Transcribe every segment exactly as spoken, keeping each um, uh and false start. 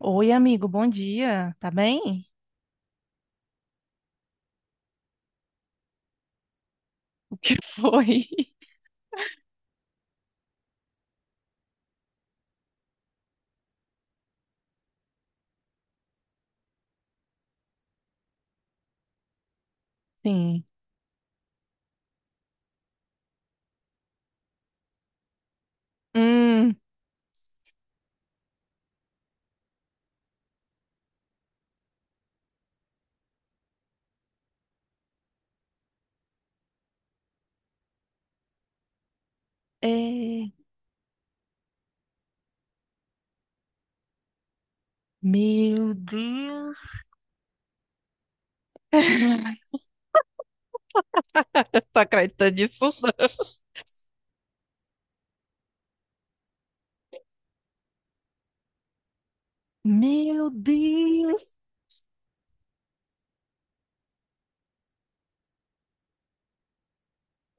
Oi, amigo, bom dia. Tá bem? O que foi? Sim. Hum, é... Meu Deus. Tá acreditando nisso? Não? Meu Deus.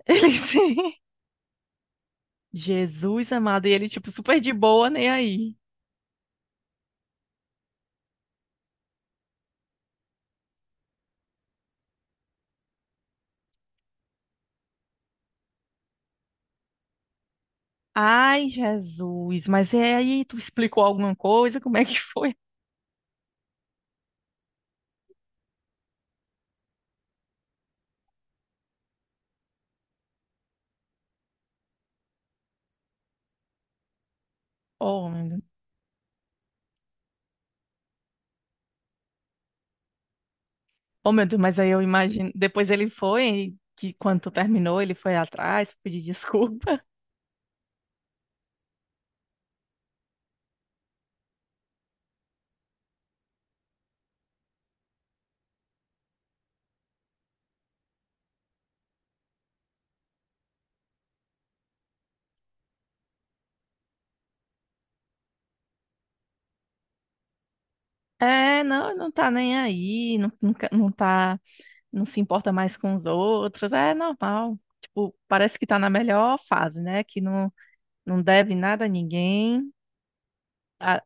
Ele sim. Jesus amado, e ele, tipo, super de boa, nem aí. Ai, Jesus, mas é aí, tu explicou alguma coisa? Como é que foi? Oh, meu Deus, oh, meu Deus, mas aí eu imagino. Depois ele foi, que quando tu terminou, ele foi atrás pedir desculpa. É, não, não tá nem aí, não, nunca- não, tá, não se importa mais com os outros, é normal. Tipo, parece que tá na melhor fase, né? Que não, não deve nada a ninguém, tá,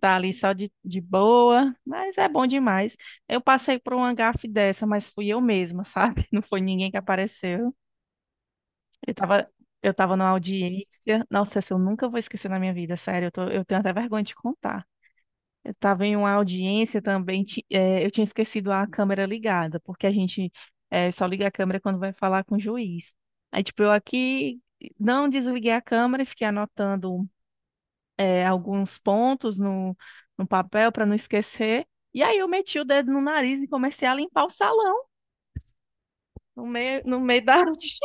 tá ali só de, de boa, mas é bom demais. Eu passei por uma gafe dessa, mas fui eu mesma, sabe? Não foi ninguém que apareceu. Eu tava, eu tava numa audiência. Nossa, essa eu nunca vou esquecer na minha vida, sério. Eu tô- eu tenho até vergonha de contar. Eu estava em uma audiência também, ti- eh, eu tinha esquecido a câmera ligada, porque a gente eh, só liga a câmera quando vai falar com o juiz. Aí, tipo, eu aqui não desliguei a câmera e fiquei anotando, eh, alguns pontos no, no papel para não esquecer. E aí eu meti o dedo no nariz e comecei a limpar o salão, no meio, no meio da audiência.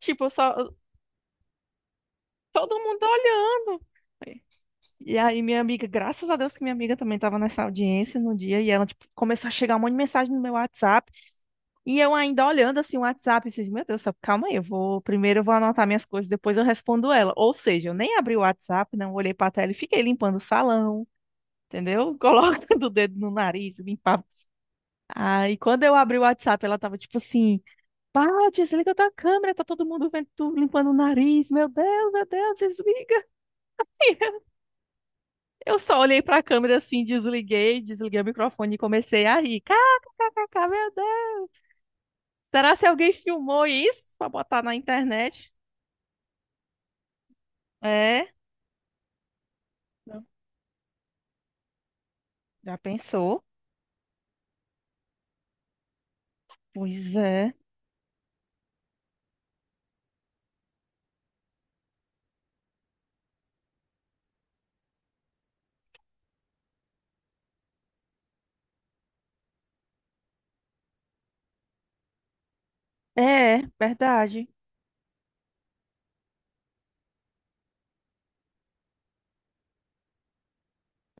Tipo, eu só, todo mundo olhando. E aí, minha amiga, graças a Deus que minha amiga também estava nessa audiência no dia, e ela, tipo, começou a chegar um monte de mensagem no meu WhatsApp. E eu ainda olhando assim o WhatsApp, e meu Deus, do céu, calma aí, eu vou primeiro eu vou anotar minhas coisas, depois eu respondo ela. Ou seja, eu nem abri o WhatsApp, não olhei para a tela e fiquei limpando o salão, entendeu? Colocando o dedo no nariz, limpava. Aí quando eu abri o WhatsApp, ela tava tipo assim: "Pá, desliga tua câmera, tá todo mundo vendo tu limpando o nariz. Meu Deus, meu Deus, desliga". Eu só olhei para a câmera assim, desliguei, desliguei o microfone e comecei a rir. Kkk, meu Deus. Será se alguém filmou isso para botar na internet? É? Não. Já pensou? Pois é. É, verdade.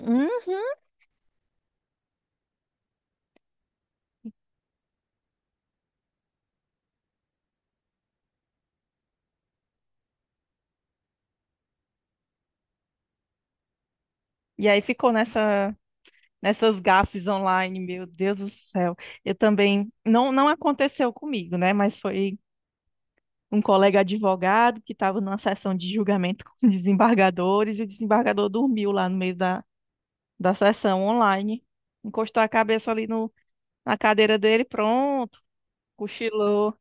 Uhum. E aí ficou nessa, nessas gafes online, meu Deus do céu. Eu também, não, não aconteceu comigo, né? Mas foi um colega advogado que estava numa sessão de julgamento com desembargadores, e o desembargador dormiu lá no meio da, da sessão online. Encostou a cabeça ali no, na cadeira dele, pronto, cochilou.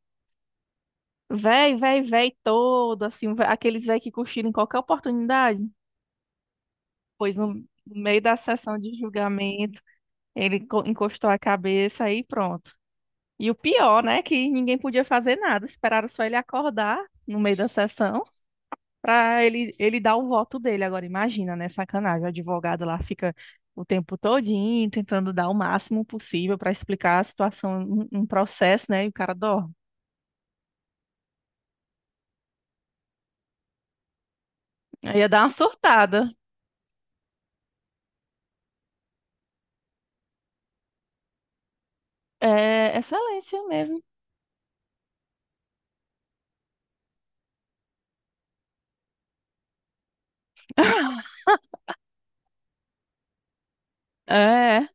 Véi, véi, véi todo, assim, vé- aqueles véi que cochilam em qualquer oportunidade. Pois no, No meio da sessão de julgamento, ele co- encostou a cabeça e pronto. E o pior, né, que ninguém podia fazer nada, esperaram só ele acordar no meio da sessão pra ele, ele dar o voto dele. Agora, imagina, né, sacanagem, o advogado lá fica o tempo todinho tentando dar o máximo possível pra explicar a situação, um, um processo, né, e o cara dorme. Aí ia dar uma surtada. É excelência mesmo. É,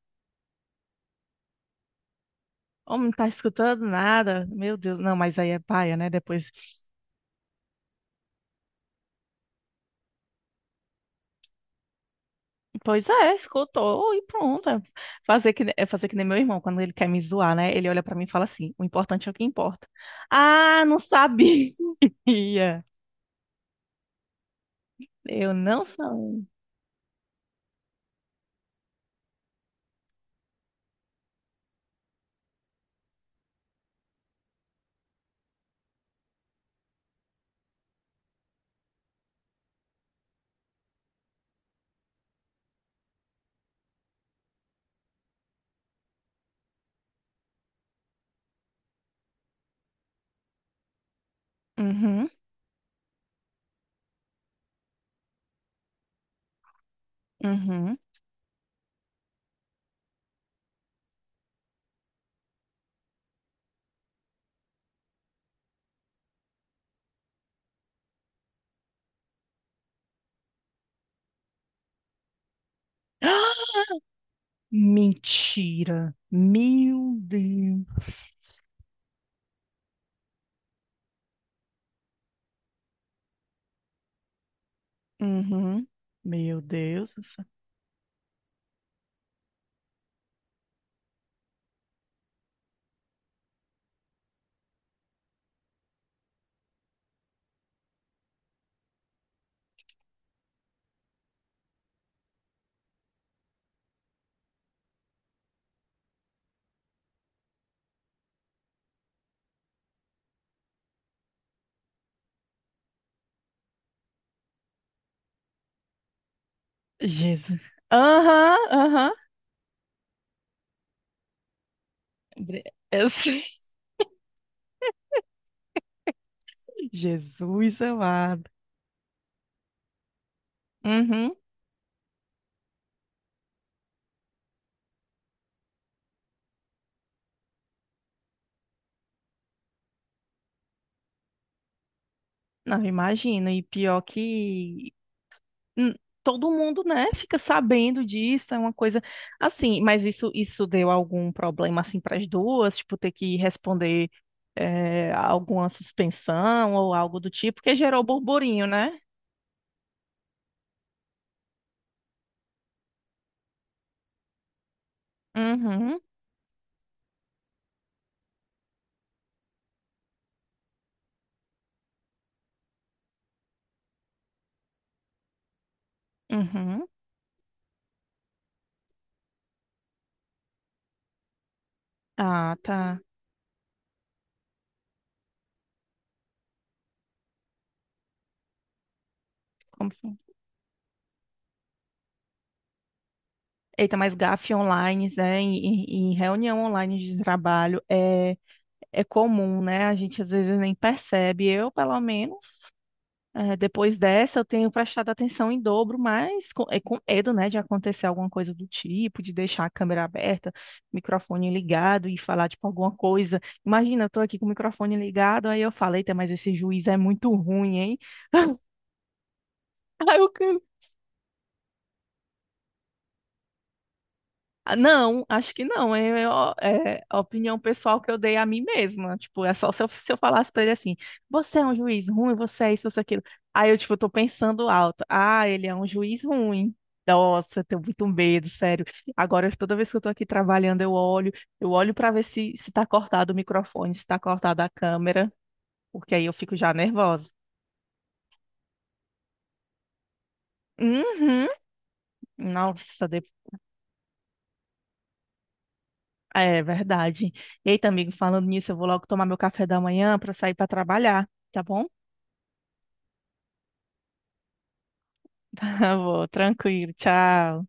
homem, não tá escutando nada. Meu Deus, não, mas aí é paia, né? Depois. Pois é, escutou e pronto. É fazer que, ne- é fazer que nem meu irmão, quando ele quer me zoar, né? Ele olha pra mim e fala assim: o importante é o que importa. Ah, não sabia. Eu não sabia. Uhum, uhum. Mentira. Meu Deus. Uhum. Meu Deus do céu. Jesus. Aham, aham. Bre- eu sei. Jesus amado. Uhum. Não, imagino. E pior que hum, todo mundo, né, fica sabendo disso, é uma coisa assim. Mas isso isso deu algum problema assim para as duas, tipo ter que responder, é, alguma suspensão ou algo do tipo, que gerou burburinho, né? Uhum. Uhum. Ah, tá. Como... foi? Eita, mas gafe online, né, em, em em reunião online de trabalho é é comum, né? A gente às vezes nem percebe. Eu, pelo menos, eh, depois dessa, eu tenho prestado atenção em dobro, mas com, é com medo, né, de acontecer alguma coisa do tipo, de deixar a câmera aberta, microfone ligado e falar, tipo, alguma coisa. Imagina, eu tô aqui com o microfone ligado, aí eu falei, mas esse juiz é muito ruim, hein? Aí eu... Ah, não, acho que não. É, é ó, é a opinião pessoal que eu dei a mim mesma. Tipo, é só se eu, se eu falasse pra ele assim: você é um juiz ruim, você é isso, você é aquilo. Aí eu, tipo, tô pensando alto: ah, ele é um juiz ruim. Nossa, eu tenho muito medo, sério. Agora, toda vez que eu tô aqui trabalhando, eu olho, eu olho pra ver se, se tá cortado o microfone, se tá cortada a câmera, porque aí eu fico já nervosa. Uhum. Nossa. É verdade. Eita, amigo, falando nisso, eu vou logo tomar meu café da manhã para sair para trabalhar, tá bom? Vou, tranquilo, tchau.